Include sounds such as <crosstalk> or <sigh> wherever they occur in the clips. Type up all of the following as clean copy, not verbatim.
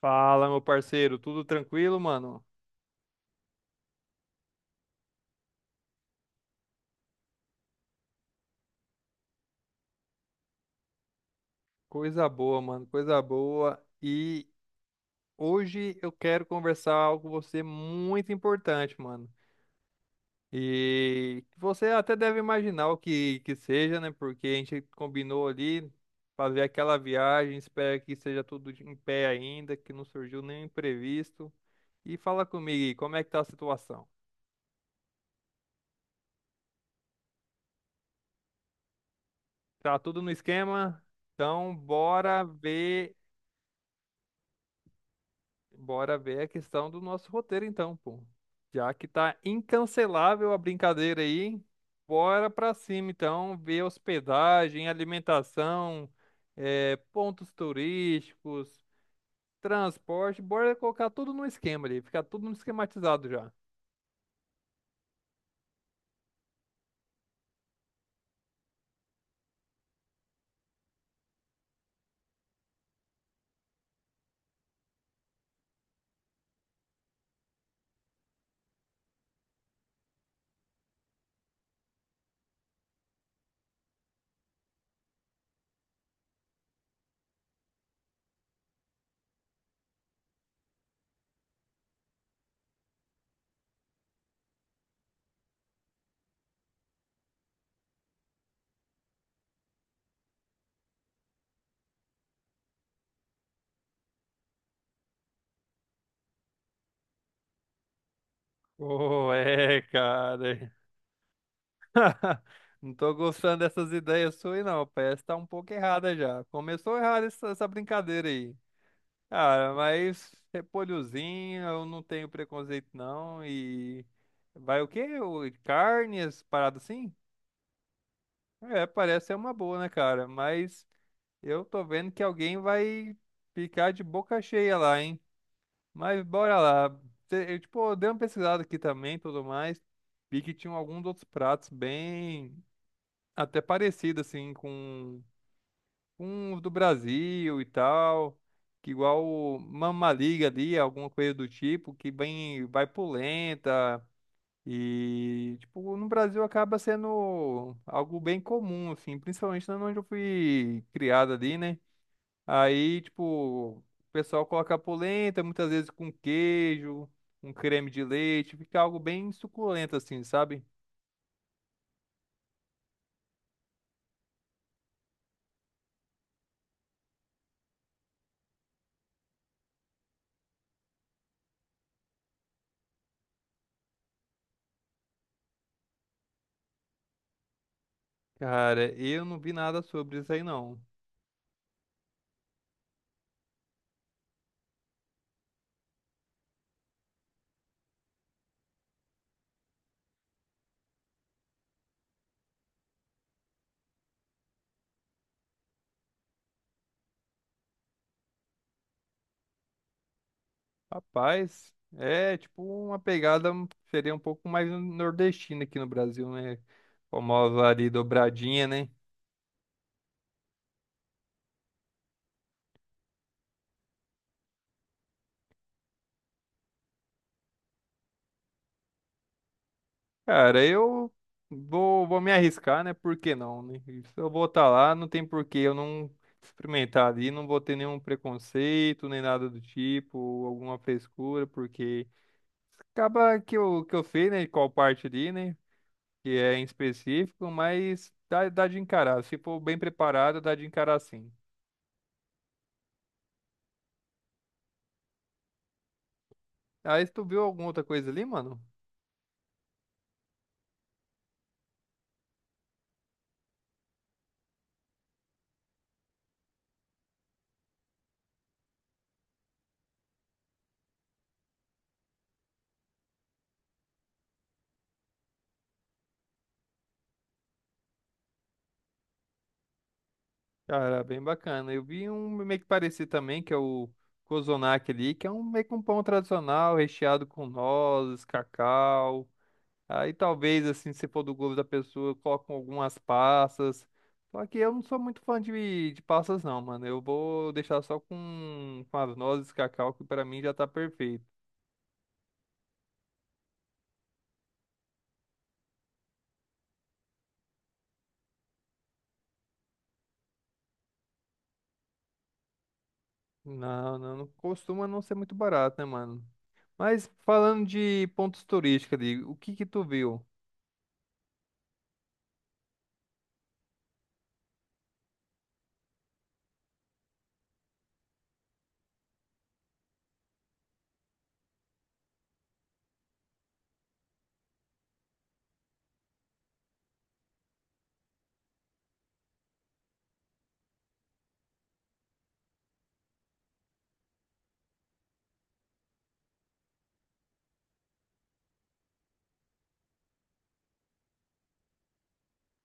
Fala, meu parceiro, tudo tranquilo, mano? Coisa boa, mano, coisa boa. E hoje eu quero conversar algo com você muito importante, mano. E você até deve imaginar o que que seja, né? Porque a gente combinou ali fazer aquela viagem, espero que seja tudo em pé ainda, que não surgiu nenhum imprevisto. E fala comigo aí, como é que tá a situação? Tá tudo no esquema? Então, bora ver Bora ver a questão do nosso roteiro, então, pô. Já que tá incancelável a brincadeira aí, hein? Bora pra cima, então, ver hospedagem, alimentação, pontos turísticos, transporte, bora colocar tudo no esquema ali, ficar tudo esquematizado já. Oh, é, cara. <laughs> Não tô gostando dessas ideias suas, não. Parece que tá um pouco errada já. Começou errada essa brincadeira aí. Cara, mas repolhozinho, eu não tenho preconceito não. E vai o quê? O- Carnes, parada assim? É, parece ser uma boa, né, cara? Mas eu tô vendo que alguém vai ficar de boca cheia lá, hein? Mas bora lá. Cê- Eu, tipo, eu dei uma pesquisada aqui também, tudo mais. Vi que tinham alguns outros pratos bem até parecidos, assim, com uns do Brasil e tal, que igual o Mamma Liga ali, alguma coisa do tipo, que bem vai por lenta e tipo, no Brasil acaba sendo algo bem comum assim, principalmente na onde eu fui criado ali, né? Aí, tipo, o pessoal coloca polenta, muitas vezes com queijo, um creme de leite, fica algo bem suculento assim, sabe? Cara, eu não vi nada sobre isso aí não. Rapaz, é tipo uma pegada um, seria um pouco mais nordestina aqui no Brasil, né? Famosa ali dobradinha, né? Cara, eu vou me arriscar, né? Por que não, né? E se eu vou estar lá, não tem por que eu não experimentar ali, não vou ter nenhum preconceito, nem nada do tipo, ou alguma frescura, porque acaba que eu que eu sei, né? Qual parte ali, né? Que é em específico, mas dá de encarar. Se for bem preparado, dá de encarar sim. Aí tu viu alguma outra coisa ali, mano? Cara, bem bacana. Eu vi um meio que parecido também, que é o Kozonak ali, que é um meio que um pão tradicional, recheado com nozes, cacau. Aí talvez, assim, se for do gosto da pessoa, colocam algumas passas. Só que eu não sou muito fã de passas, não, mano. Eu vou deixar só com as nozes, cacau, que pra mim já tá perfeito. Não, não, não costuma não ser muito barato, né, mano? Mas falando de pontos turísticos ali, o que que tu viu?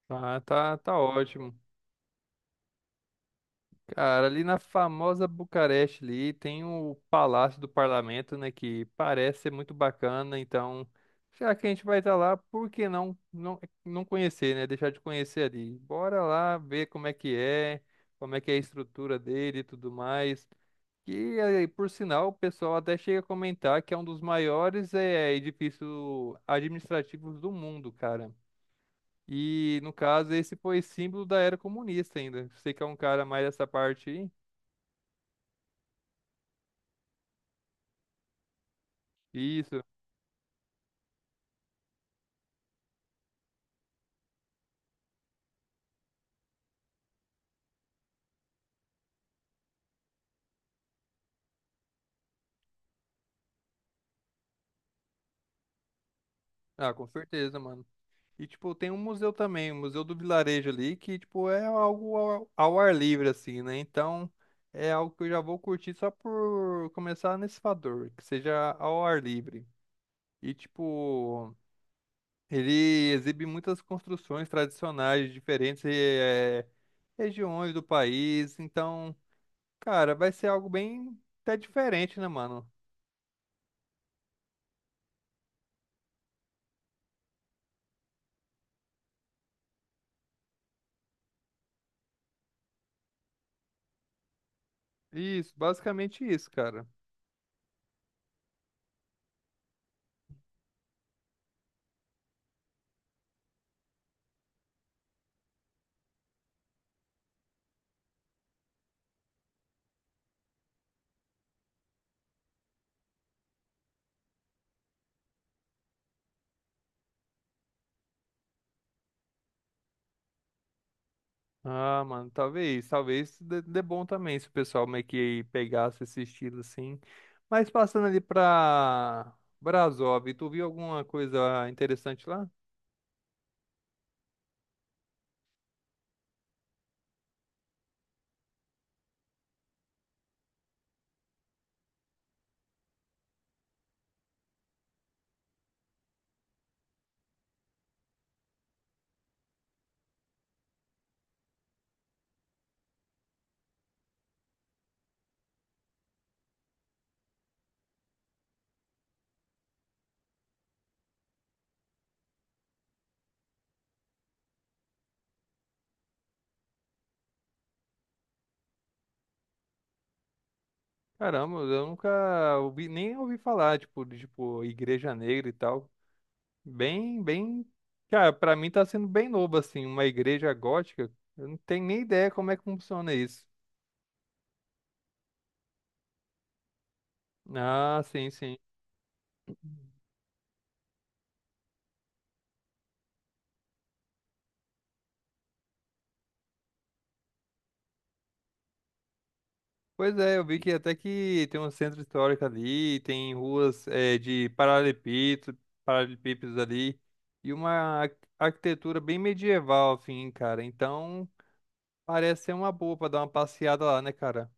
Ah, tá, tá ótimo. Cara, ali na famosa Bucareste ali tem o Palácio do Parlamento, né, que parece ser muito bacana, então já que a gente vai estar lá, por que não, não conhecer, né? Deixar de conhecer ali. Bora lá ver como é que é, como é que é a estrutura dele e tudo mais. E aí, por sinal, o pessoal até chega a comentar que é um dos maiores edifícios administrativos do mundo, cara. E, no caso, esse foi símbolo da era comunista ainda. Você que é um cara mais dessa parte aí. Isso. Ah, com certeza, mano. E, tipo, tem um museu também, o Museu do Vilarejo ali, que, tipo, é algo ao, ao ar livre, assim, né? Então, é algo que eu já vou curtir só por começar nesse fator, que seja ao ar livre. E, tipo, ele exibe muitas construções tradicionais de diferentes regiões do país, então... Cara, vai ser algo bem até diferente, né, mano? Isso, basicamente isso, cara. Ah, mano, talvez, talvez dê bom também se o pessoal meio que pegasse esse estilo assim. Mas passando ali pra Brasov, tu viu alguma coisa interessante lá? Caramba, eu nunca ouvi, nem ouvi falar, tipo, de, tipo, Igreja Negra e tal. Bem, bem, cara, pra mim tá sendo bem novo, assim, uma igreja gótica. Eu não tenho nem ideia como é que funciona isso. Ah, sim, sim. Pois é, eu vi que até que tem um centro histórico ali, tem ruas de paralelepípedos, paralelepípedos ali, e uma ar- arquitetura bem medieval, assim, cara. Então, parece ser uma boa pra dar uma passeada lá, né, cara?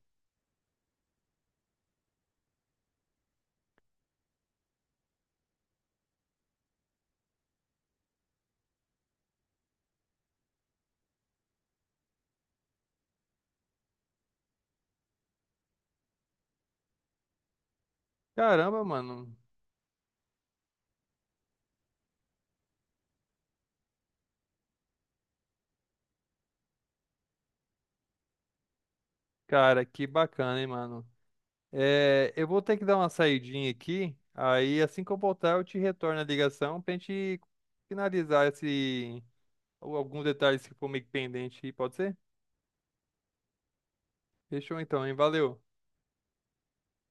Caramba, mano. Cara, que bacana, hein, mano. É, eu vou ter que dar uma saidinha aqui, aí assim que eu voltar eu te retorno a ligação pra gente finalizar esse, alguns detalhes que ficou meio que pendente, pode ser? Fechou então, hein? Valeu.